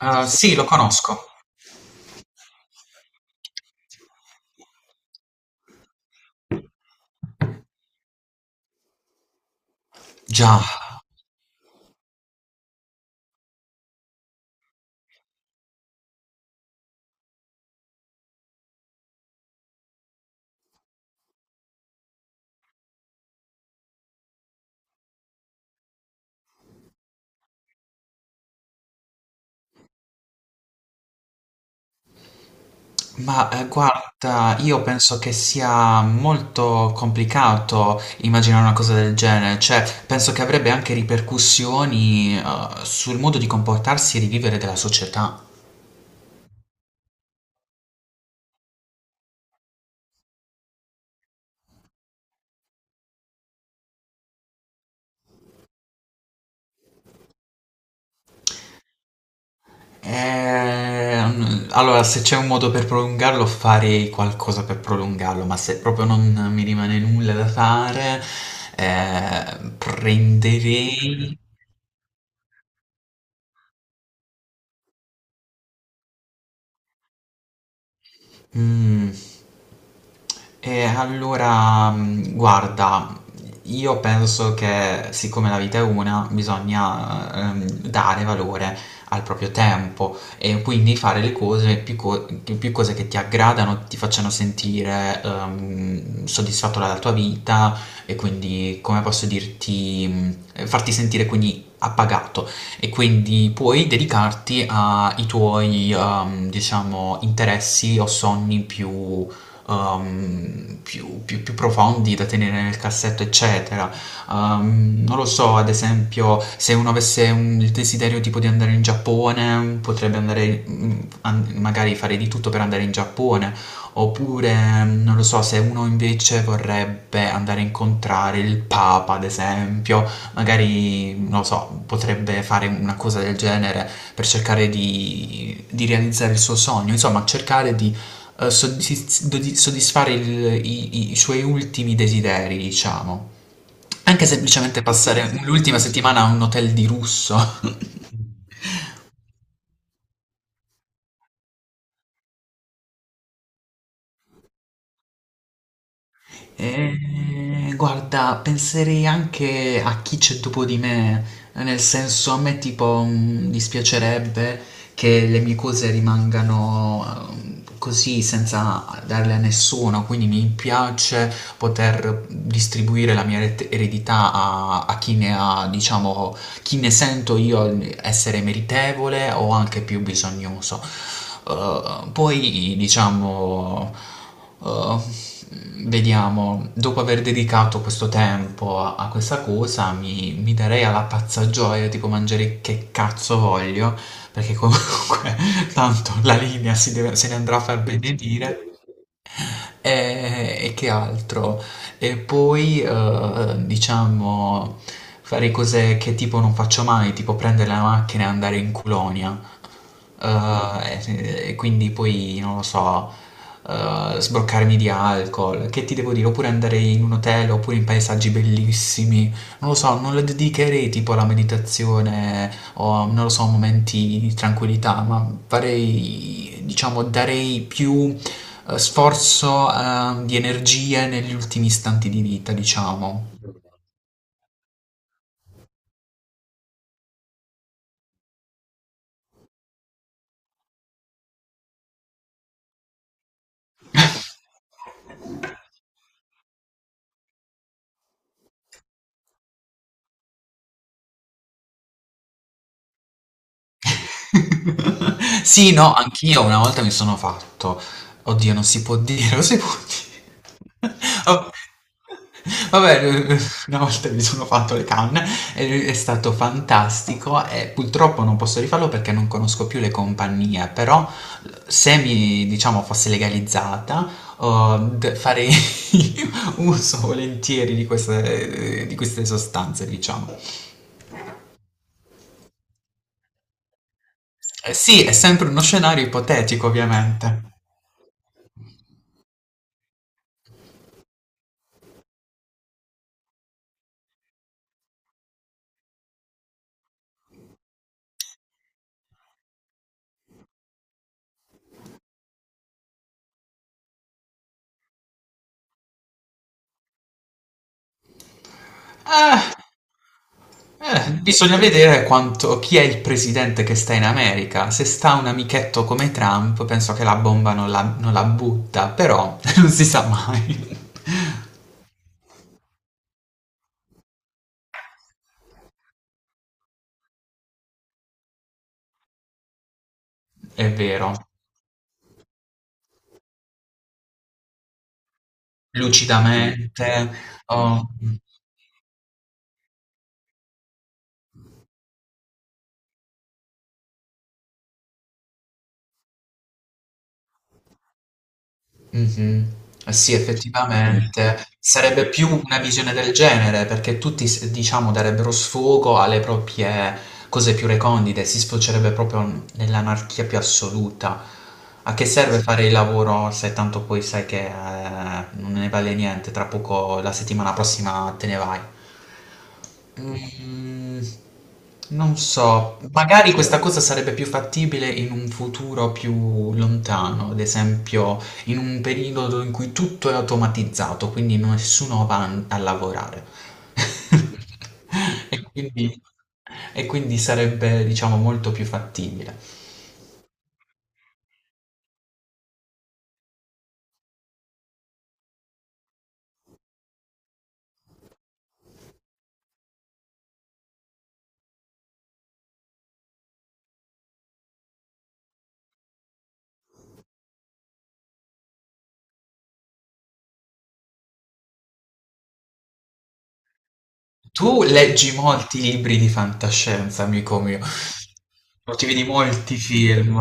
Ah, sì, lo conosco. Già, ma guarda, io penso che sia molto complicato immaginare una cosa del genere, cioè penso che avrebbe anche ripercussioni sul modo di comportarsi e di vivere della società. Allora, se c'è un modo per prolungarlo, farei qualcosa per prolungarlo, ma se proprio non mi rimane nulla da fare, eh, prenderei... Mm. E allora, guarda, io penso che siccome la vita è una, bisogna dare valore al proprio tempo e quindi fare le cose, più, più cose che ti aggradano, ti facciano sentire soddisfatto dalla tua vita e quindi, come posso dirti, farti sentire quindi appagato e quindi puoi dedicarti ai tuoi, diciamo, interessi o sogni più, più, più profondi da tenere nel cassetto, eccetera. Non lo so, ad esempio, se uno avesse il desiderio tipo di andare in Giappone, potrebbe andare, magari fare di tutto per andare in Giappone. Oppure, non lo so, se uno invece vorrebbe andare a incontrare il Papa, ad esempio, magari, non lo so, potrebbe fare una cosa del genere per cercare di realizzare il suo sogno, insomma, cercare di di soddisfare i, i suoi ultimi desideri, diciamo. Anche semplicemente passare l'ultima settimana a un hotel di lusso. Guarda, penserei anche a chi c'è dopo di me, nel senso a me tipo dispiacerebbe che le mie cose rimangano così senza darle a nessuno, quindi mi piace poter distribuire la mia eredità a, a chi ne ha, diciamo, chi ne sento io essere meritevole o anche più bisognoso. Poi, diciamo... Uh, vediamo, dopo aver dedicato questo tempo a, a questa cosa, mi darei alla pazza gioia, tipo mangiare che cazzo voglio, perché comunque tanto la linea se ne andrà a far benedire. E che altro? E poi, diciamo, fare cose che tipo non faccio mai, tipo prendere la macchina e andare in colonia. E quindi poi, non lo so, sbroccarmi di alcol, che ti devo dire? Oppure andare in un hotel, oppure in paesaggi bellissimi. Non lo so, non le dedicherei tipo alla meditazione o, non lo so, momenti di tranquillità, ma farei, diciamo, darei più sforzo, di energie negli ultimi istanti di vita, diciamo. Sì, no, anch'io una volta mi sono fatto. Oddio, non si può dire, lo si può dire. Oh. Vabbè, una volta mi sono fatto le canne, e è stato fantastico e purtroppo non posso rifarlo perché non conosco più le compagnie, però se mi, diciamo, fosse legalizzata, oh, farei uso volentieri di queste sostanze, diciamo. Sì, è sempre uno scenario ipotetico, ovviamente. Eh, bisogna vedere quanto, chi è il presidente che sta in America. Se sta un amichetto come Trump, penso che la bomba non la, non la butta, però non si sa mai. È vero, lucidamente. Oh. Mh-mh. Eh sì, quindi effettivamente sarebbe più una visione del genere, perché tutti s diciamo darebbero sfogo alle proprie cose più recondite, si sfocerebbe proprio n nell'anarchia più assoluta. A che serve fare il lavoro se tanto poi sai che, non ne vale niente, tra poco la settimana prossima te ne vai? Mhmm, non so, magari questa cosa sarebbe più fattibile in un futuro più lontano, ad esempio in un periodo in cui tutto è automatizzato, quindi nessuno va a lavorare. E quindi, e quindi sarebbe, diciamo, molto più fattibile. Tu leggi molti libri di fantascienza, amico mio, o ti vedi molti film.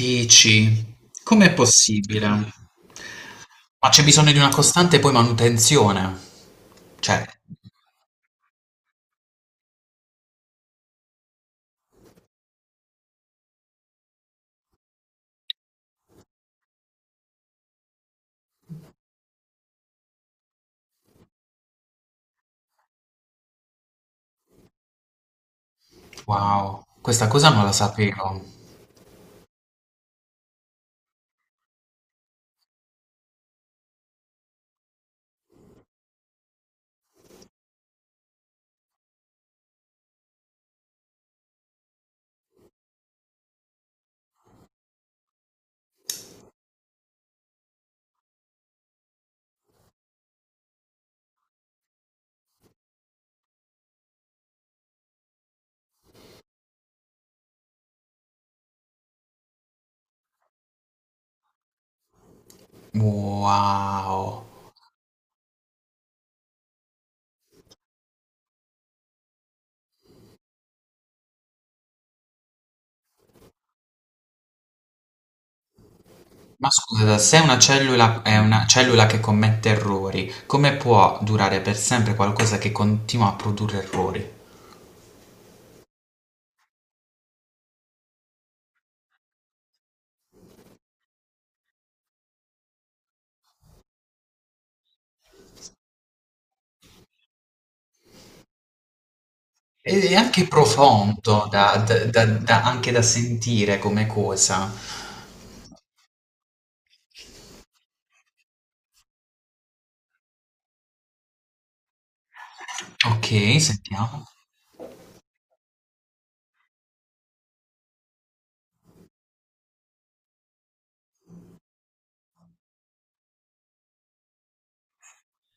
Dici, com'è possibile? Ma c'è bisogno di una costante poi manutenzione. Cioè, wow, questa cosa non la sapevo. Wow. Ma scusa, se una cellula è una cellula che commette errori, come può durare per sempre qualcosa che continua a produrre errori? Ed è anche profondo da, anche da sentire come cosa. Ok, sentiamo.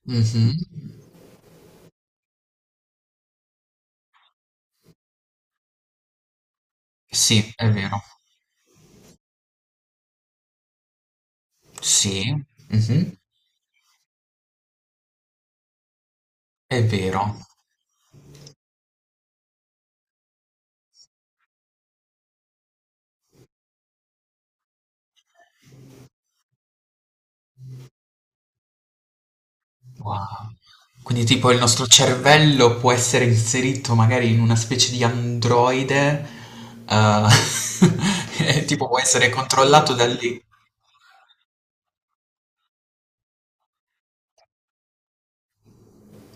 Mhm. Sì, è vero. Sì, mhm, è vero. Wow. Quindi tipo il nostro cervello può essere inserito magari in una specie di androide, eh, e tipo può essere controllato da lì.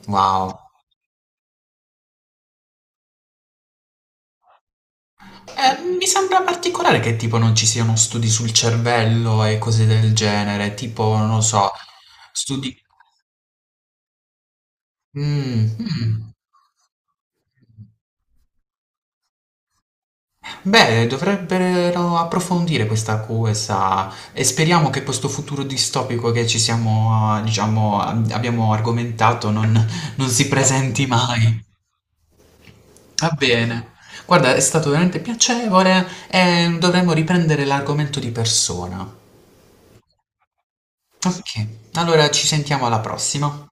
Wow. Mi sembra particolare che tipo non ci siano studi sul cervello e cose del genere, tipo, non lo so, studi... Mm, mm. Beh, dovrebbero approfondire questa cosa e speriamo che questo futuro distopico che ci siamo, diciamo, abbiamo argomentato non, non si presenti mai. Va bene. Guarda, è stato veramente piacevole e dovremmo riprendere l'argomento di persona. Ok, allora ci sentiamo alla prossima.